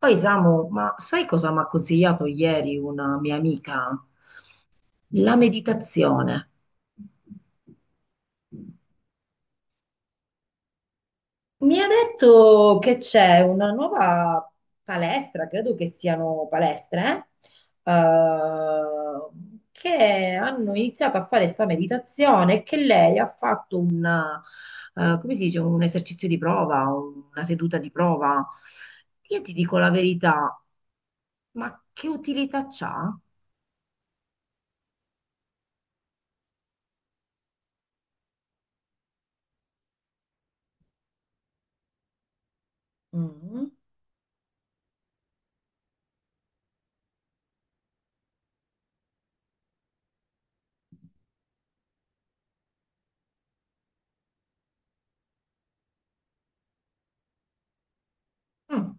Poi Samu, ma sai cosa mi ha consigliato ieri una mia amica? La meditazione. Mi ha detto che c'è una nuova palestra, credo che siano palestre, eh, che hanno iniziato a fare sta meditazione e che lei ha fatto come si dice, un esercizio di prova, una seduta di prova. Io ti dico la verità, ma che utilità c'ha? Mm. Mm.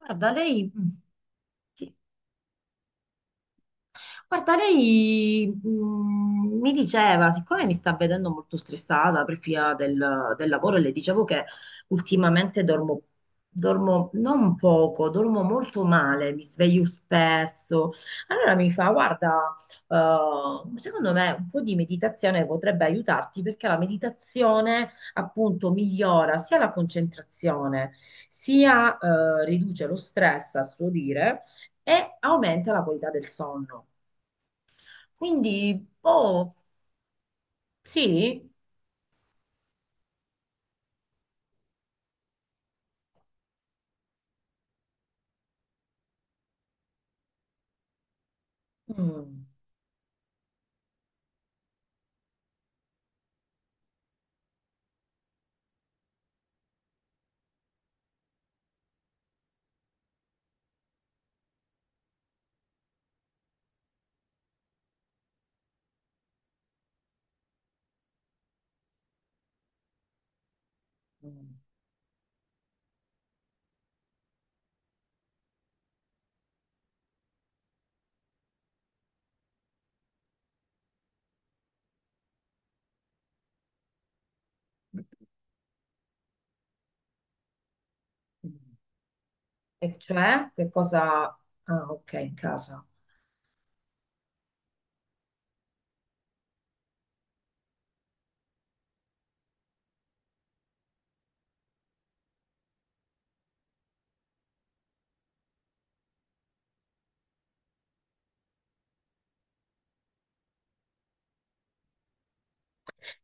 Guarda, lei sì. Guarda, lei mi diceva, siccome mi sta vedendo molto stressata per via del lavoro, e le dicevo che ultimamente dormo, dormo non poco, dormo molto male, mi sveglio spesso. Allora mi fa, guarda, secondo me un po' di meditazione potrebbe aiutarti, perché la meditazione appunto migliora sia la concentrazione, sia riduce lo stress, a suo dire, e aumenta la qualità del sonno. Quindi, boh, sì. Mm. Mm, mm. E cioè, che cosa. Ah, ok, in casa.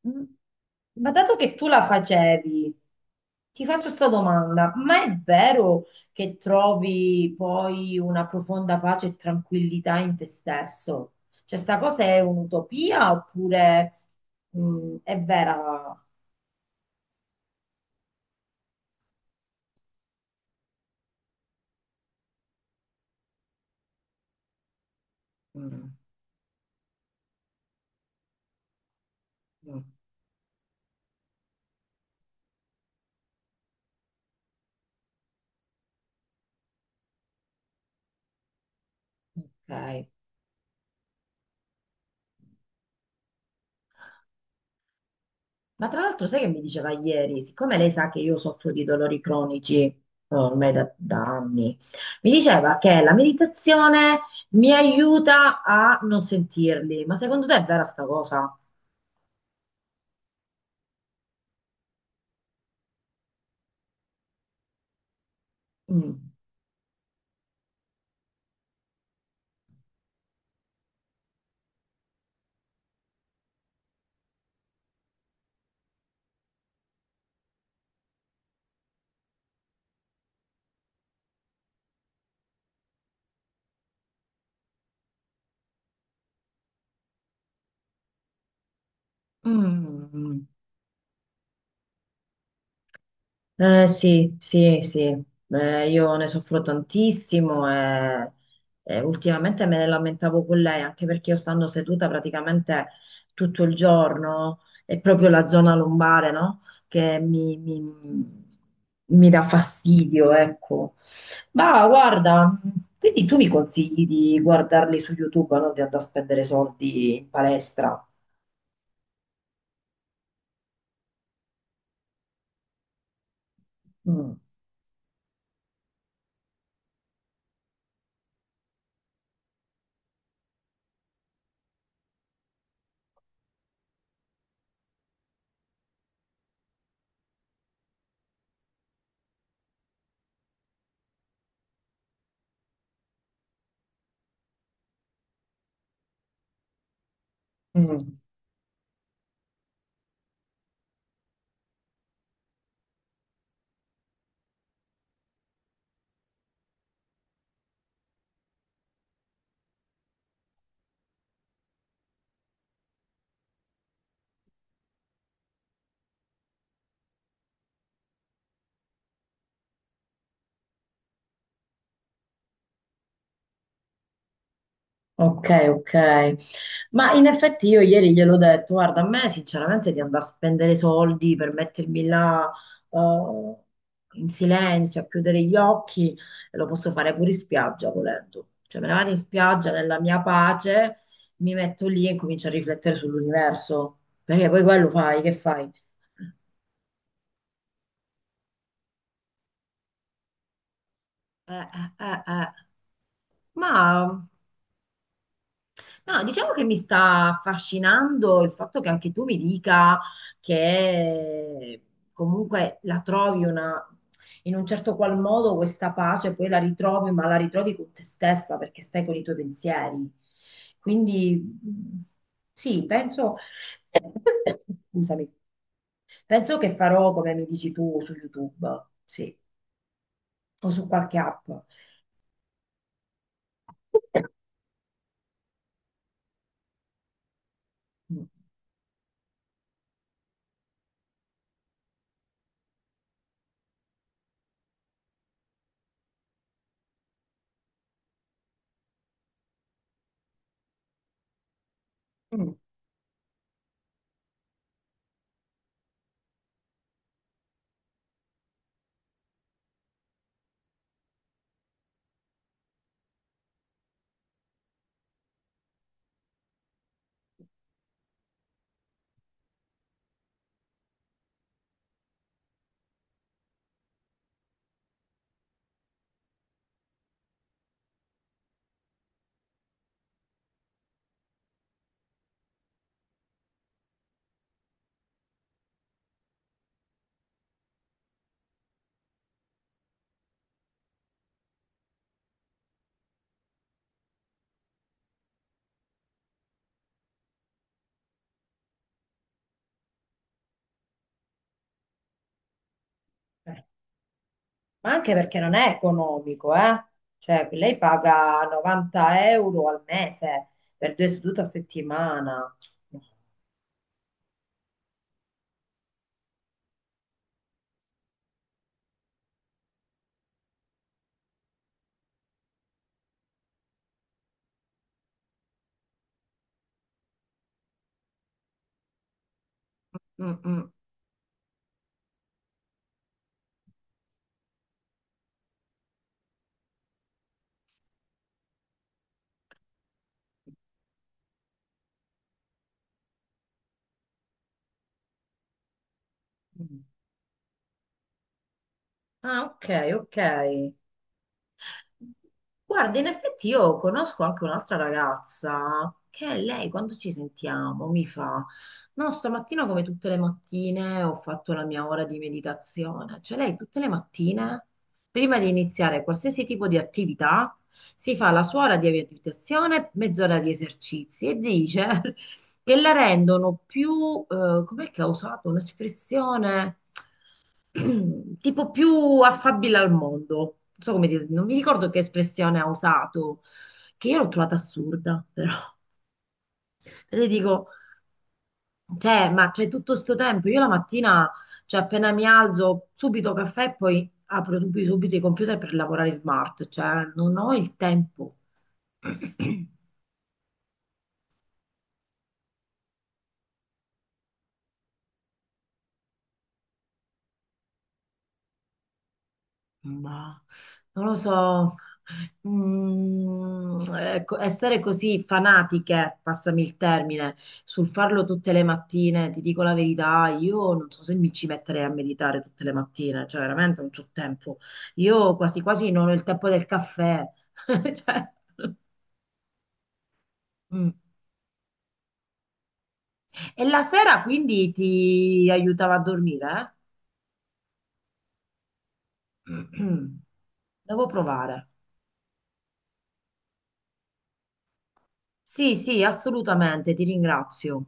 Mm. Ma dato che tu la facevi, ti faccio questa domanda. Ma è vero che trovi poi una profonda pace e tranquillità in te stesso? Cioè, sta cosa è un'utopia oppure è vera? Mm, mm. Ok. Ma tra l'altro, sai che mi diceva ieri, siccome lei sa che io soffro di dolori cronici, oh, ormai da anni, mi diceva che la meditazione mi aiuta a non sentirli. Ma secondo te è vera sta cosa? Mm. Mm. Sì, sì, sì. Io ne soffro tantissimo, e ultimamente me ne lamentavo con lei, anche perché io, stando seduta praticamente tutto il giorno, è proprio la zona lombare, no? Che mi dà fastidio, ecco. Ma guarda, quindi tu mi consigli di guardarli su YouTube, non di andare a spendere soldi in palestra? Mm. Mm. Ok, ok. Ma in effetti io ieri gliel'ho detto, guarda, a me sinceramente di andare a spendere soldi per mettermi là eh, in silenzio, a chiudere gli occhi, e lo posso fare pure in spiaggia, volendo. Cioè me ne vado in spiaggia, nella mia pace, mi metto lì e comincio a riflettere sull'universo, perché poi quello fai, che fai? Eh, eh, eh. Ma no, diciamo che mi sta affascinando il fatto che anche tu mi dica che comunque la trovi, una, in un certo qual modo, questa pace, poi la ritrovi, ma la ritrovi con te stessa, perché stai con i tuoi pensieri. Quindi mh, sì, penso, scusami, penso che farò come mi dici tu, su YouTube, sì, o su qualche app. Mm. Mm. Eh. Ma anche perché non è economico, eh? Cioè, lei paga 90 euro al mese per due sedute a settimana. Mm, mm. Mm. Ah, ok, ok. Guarda, in effetti io conosco anche un'altra ragazza che, lei, quando ci sentiamo, mi fa, no, stamattina, come tutte le mattine, ho fatto la mia ora di meditazione. Cioè lei tutte le mattine, prima di iniziare qualsiasi tipo di attività, si fa la sua ora di meditazione, mezz'ora di esercizi, e dice che la rendono più, com'è che ha usato un'espressione, tipo, più affabile al mondo. Non so come dire, non mi ricordo che espressione ha usato, che io l'ho trovata assurda, però. E le dico, cioè, ma c'è tutto sto tempo? Io la mattina, cioè appena mi alzo, subito caffè, e poi apro subito, subito i computer per lavorare smart, cioè non ho il tempo. Ma non lo so. Mm, ecco, essere così fanatiche, passami il termine, sul farlo tutte le mattine, ti dico la verità, io non so se mi ci metterei a meditare tutte le mattine, cioè veramente non c'ho tempo. Io quasi quasi non ho il tempo del caffè. Cioè, mm. E la sera quindi ti aiutava a dormire, eh? Devo provare. Sì, sì, assolutamente, ti ringrazio.